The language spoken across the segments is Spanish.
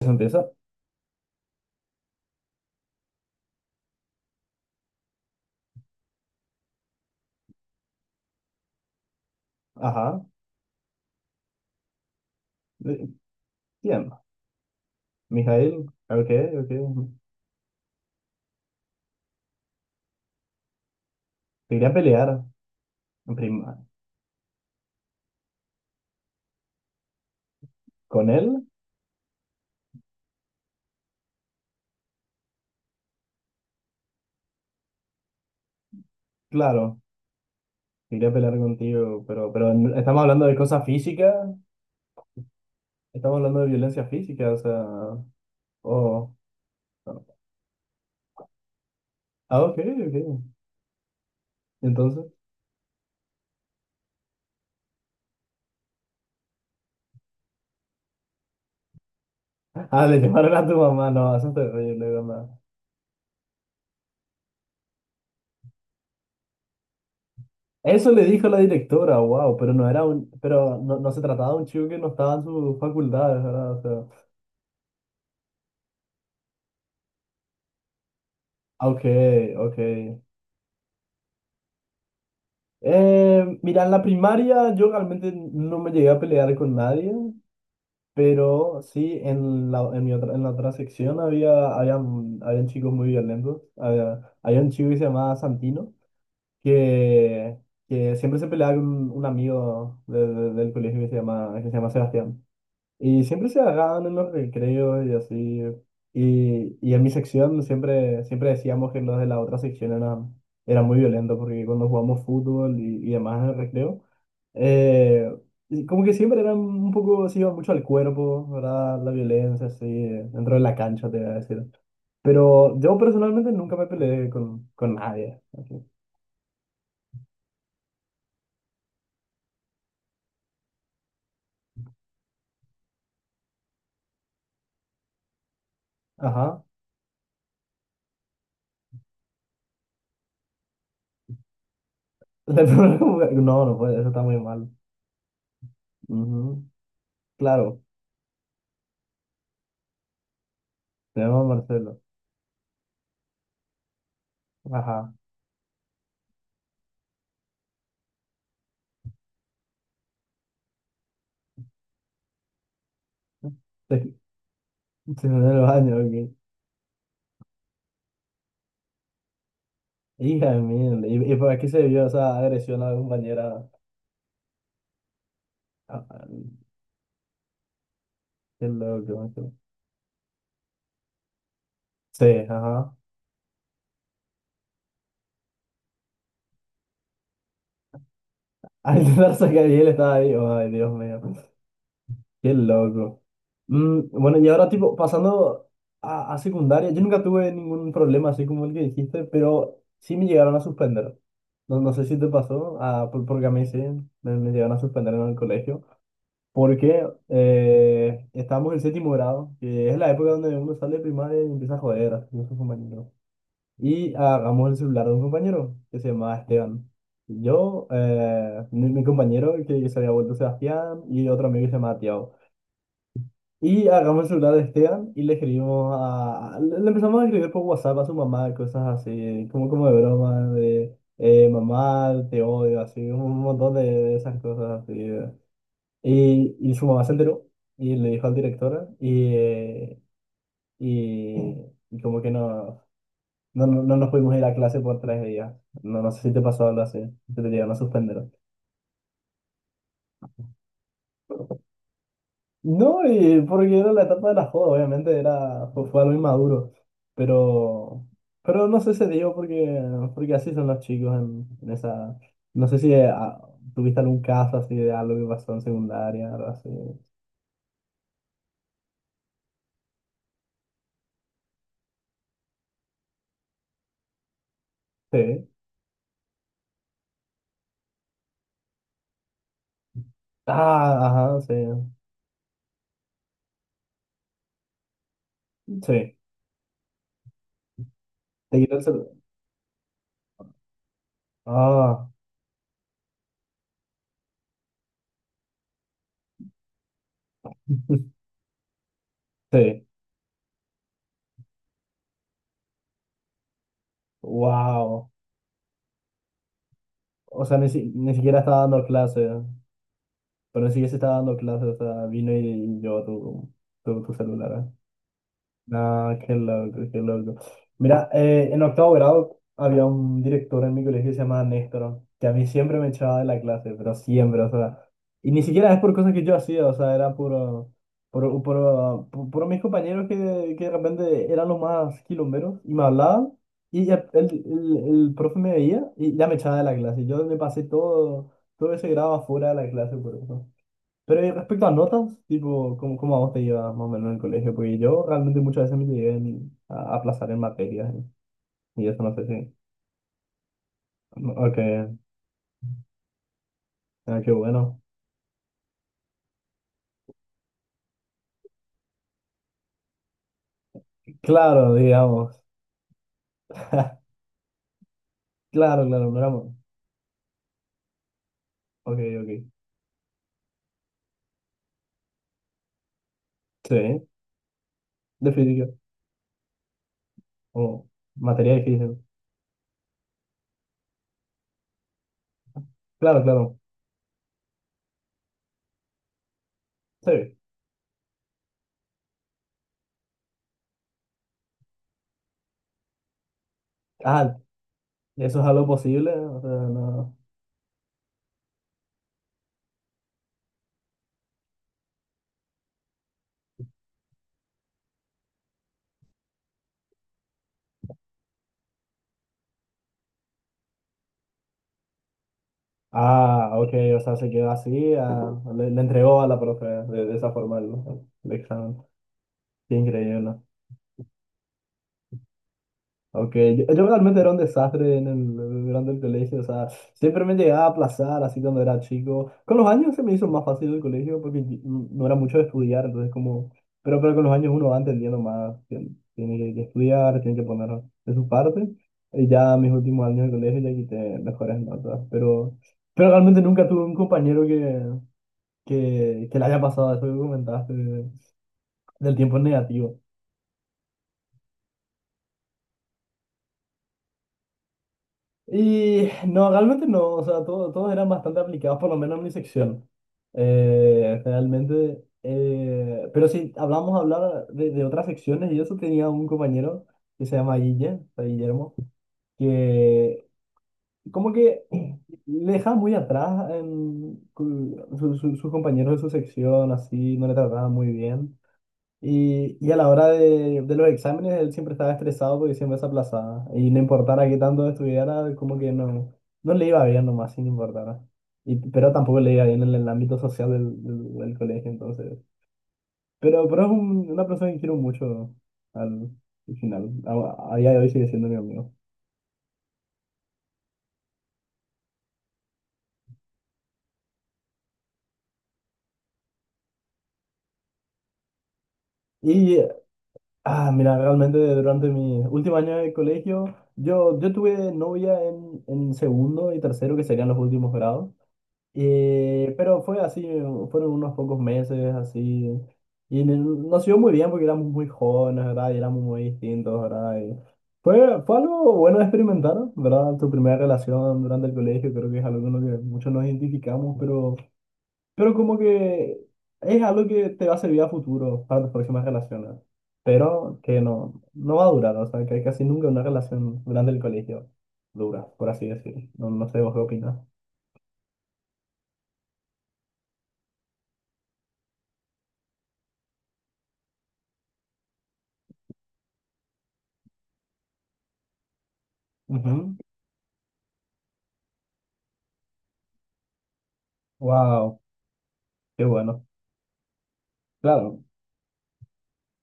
Se empieza. Ajá. Eh, Bien. Mijail. Ok, ok. Te iría a pelear. en prim- ¿Con él? Claro. Te iría a pelear contigo. Pero estamos hablando de cosas físicas. Estamos hablando de violencia física. O sea. Oh. Bueno. Ok, ok. Entonces. Ah, le llamaron a tu mamá. No, eso es terrible, mamá. Eso le dijo la directora. Wow. Pero no era un. Pero no, no se trataba de un chico que no estaba en sus facultades, ¿verdad? O sea. Ok, ok. Mira, en la primaria yo realmente no me llegué a pelear con nadie, pero sí en la otra sección habían chicos muy violentos. Había un chico que se llamaba Santino, que, que siempre se peleaba con un amigo del colegio que se llama Sebastián. Y siempre se agarraban en los recreos y así. Y en mi sección siempre decíamos que los de la otra sección eran muy violentos porque cuando jugamos fútbol y demás en el recreo, eh, y como que siempre eran un poco, se iba mucho al cuerpo, ¿verdad? La violencia, así, dentro de la cancha, te voy a decir. Pero yo personalmente nunca me peleé con nadie, así. Ajá. No, no puede, eso está muy mal. Ujú. Claro, tenemos a Marcelo. Ajá. Se, se fue en los años, ok. Hija de mierda. ¿Y por aquí se vio esa agresión a la compañera? Ah, qué loco, macho. Sí, ajá. Al intentar sacar y él estaba ahí. Ay, Dios mío. Qué loco. Bueno, y ahora, tipo, pasando a secundaria, yo nunca tuve ningún problema así como el que dijiste, pero sí me llegaron a suspender. No, no sé si te pasó, porque a mí sí, me llegaron a suspender en el colegio. Porque estamos en séptimo grado, que es la época donde uno sale de primaria y empieza a joder a sus compañeros. Y agarramos el celular de un compañero que se llamaba Esteban. Yo, mi compañero que se había vuelto Sebastián y otro amigo que se llamaba Tiago. Y agarramos el celular de Esteban y le escribimos. Le empezamos a escribir por WhatsApp a su mamá, cosas así, como de broma, de mamá, te odio, así, un montón de esas cosas así. Y su mamá se enteró y le dijo al director y, y como que no nos pudimos ir a clase por 3 días. No, no sé si te pasó algo así, si te llegaron a suspender. No, y porque era la etapa de la joda, obviamente fue algo inmaduro, pero, pero no sé, se dio porque así son los chicos en esa. No sé si tuviste algún caso así de algo que pasó en secundaria, algo así. Sí. Ah, ajá, sí. Sí. Te quitó el celular. Ah, sí. Wow. O sea, ni siquiera estaba dando clase, pero ni siquiera se estaba dando clase, o sea, vino y llevó tu celular. Ah, qué loco, qué loco. Mira, en octavo grado había un director en mi colegio que se llamaba Néstor, que a mí siempre me echaba de la clase, pero siempre, o sea, y ni siquiera es por cosas que yo hacía, o sea, era por mis compañeros que de repente eran los más quilomberos y me hablaban, y ya el profe me veía y ya me echaba de la clase. Yo me pasé todo ese grado afuera de la clase por eso. Pero respecto a notas, tipo, ¿Cómo a vos te llevas más o menos en el colegio? Porque yo realmente muchas veces me llegué a aplazar en materias, ¿eh? Y eso no sé si... No, ok, qué bueno. Claro, digamos. Claro, claro, no éramos. Ok, ok. Sí, definitivo. O materia difícil. Claro, claro. Sí. Ah, eso es algo posible. O sea, no. Ah, ok, o sea, se quedó así. Le entregó a la profe de esa forma el examen. Qué increíble. Ok, yo realmente era un desastre durante el colegio, o sea, siempre me llegaba a aplazar así cuando era chico. Con los años se me hizo más fácil el colegio porque no era mucho de estudiar, entonces como, pero con los años uno va entendiendo más, que tiene que estudiar, tiene que poner de su parte, y ya mis últimos años de colegio ya quité mejores notas, pero realmente nunca tuve un compañero que le haya pasado eso que comentaste, del tiempo negativo. Y no, realmente no, o sea, todos eran bastante aplicados, por lo menos en mi sección. Realmente, pero si hablamos hablar de otras secciones, y eso tenía un compañero que se llama Guille, o sea, Guillermo, que como que le deja muy atrás en sus compañeros de su sección, así, no le trataba muy bien. Y a la hora de los exámenes, él siempre estaba estresado porque siempre se aplazaba. Y no importara qué tanto estudiara, como que no, no le iba bien nomás, sin importar. Pero tampoco le iba bien en el ámbito social del colegio, entonces. Pero es una persona que quiero mucho al, al final. A día de hoy sigue siendo mi amigo. Y, Mira, realmente durante mi último año de colegio, yo tuve novia en segundo y tercero, que serían los últimos grados. Pero fue así, fueron unos pocos meses así. Y nos iba muy bien porque éramos muy jóvenes, ¿verdad? Y éramos muy distintos, ¿verdad? Y fue, fue, algo bueno de experimentar, ¿verdad? Tu primera relación durante el colegio, creo que es algo con lo que muchos nos identificamos, pero como que es algo que te va a servir a futuro para tus próximas relaciones. Pero que no, no va a durar, o sea, que casi nunca una relación durante el colegio dura, por así decirlo. No, no sé vos qué opinas. Wow. Qué bueno. Claro,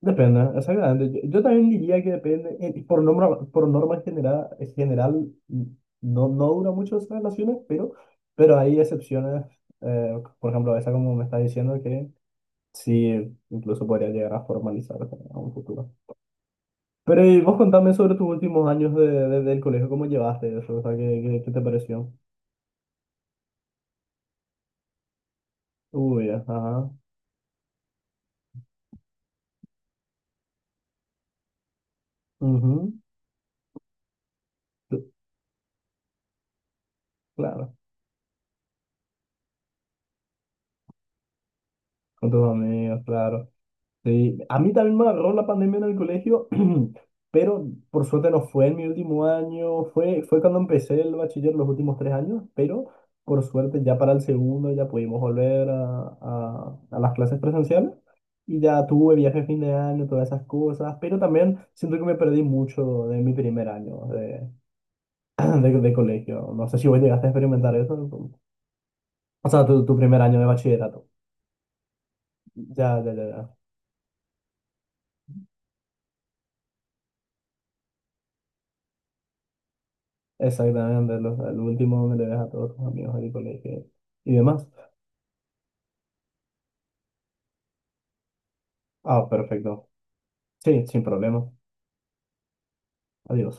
depende, exactamente. Yo también diría que depende, por norma general, general mm, no, no dura mucho esas relaciones, pero hay excepciones, eh, por ejemplo, esa como me está diciendo que sí, incluso podría llegar a formalizar a un futuro. Pero y vos contame sobre tus últimos años del colegio, ¿cómo llevaste eso? O sea, ¿Qué te pareció? Uy, ajá. Ujú, claro, con tus amigos, claro. Sí, a mí también me agarró la pandemia en el colegio, pero por suerte no fue en mi último año, fue, fue, cuando empecé el bachiller los últimos 3 años, pero por suerte ya para el segundo ya pudimos volver a las clases presenciales y ya tuve viaje de fin de año, todas esas cosas, pero también siento que me perdí mucho de mi primer año de, de colegio. No sé si vos llegaste a experimentar eso, o sea, tu primer año de bachillerato. Ya, ya, ya. Exactamente, los, al último me le ves a todos tus amigos ahí, colegio y demás. Ah, perfecto. Sí, sin problema. Adiós.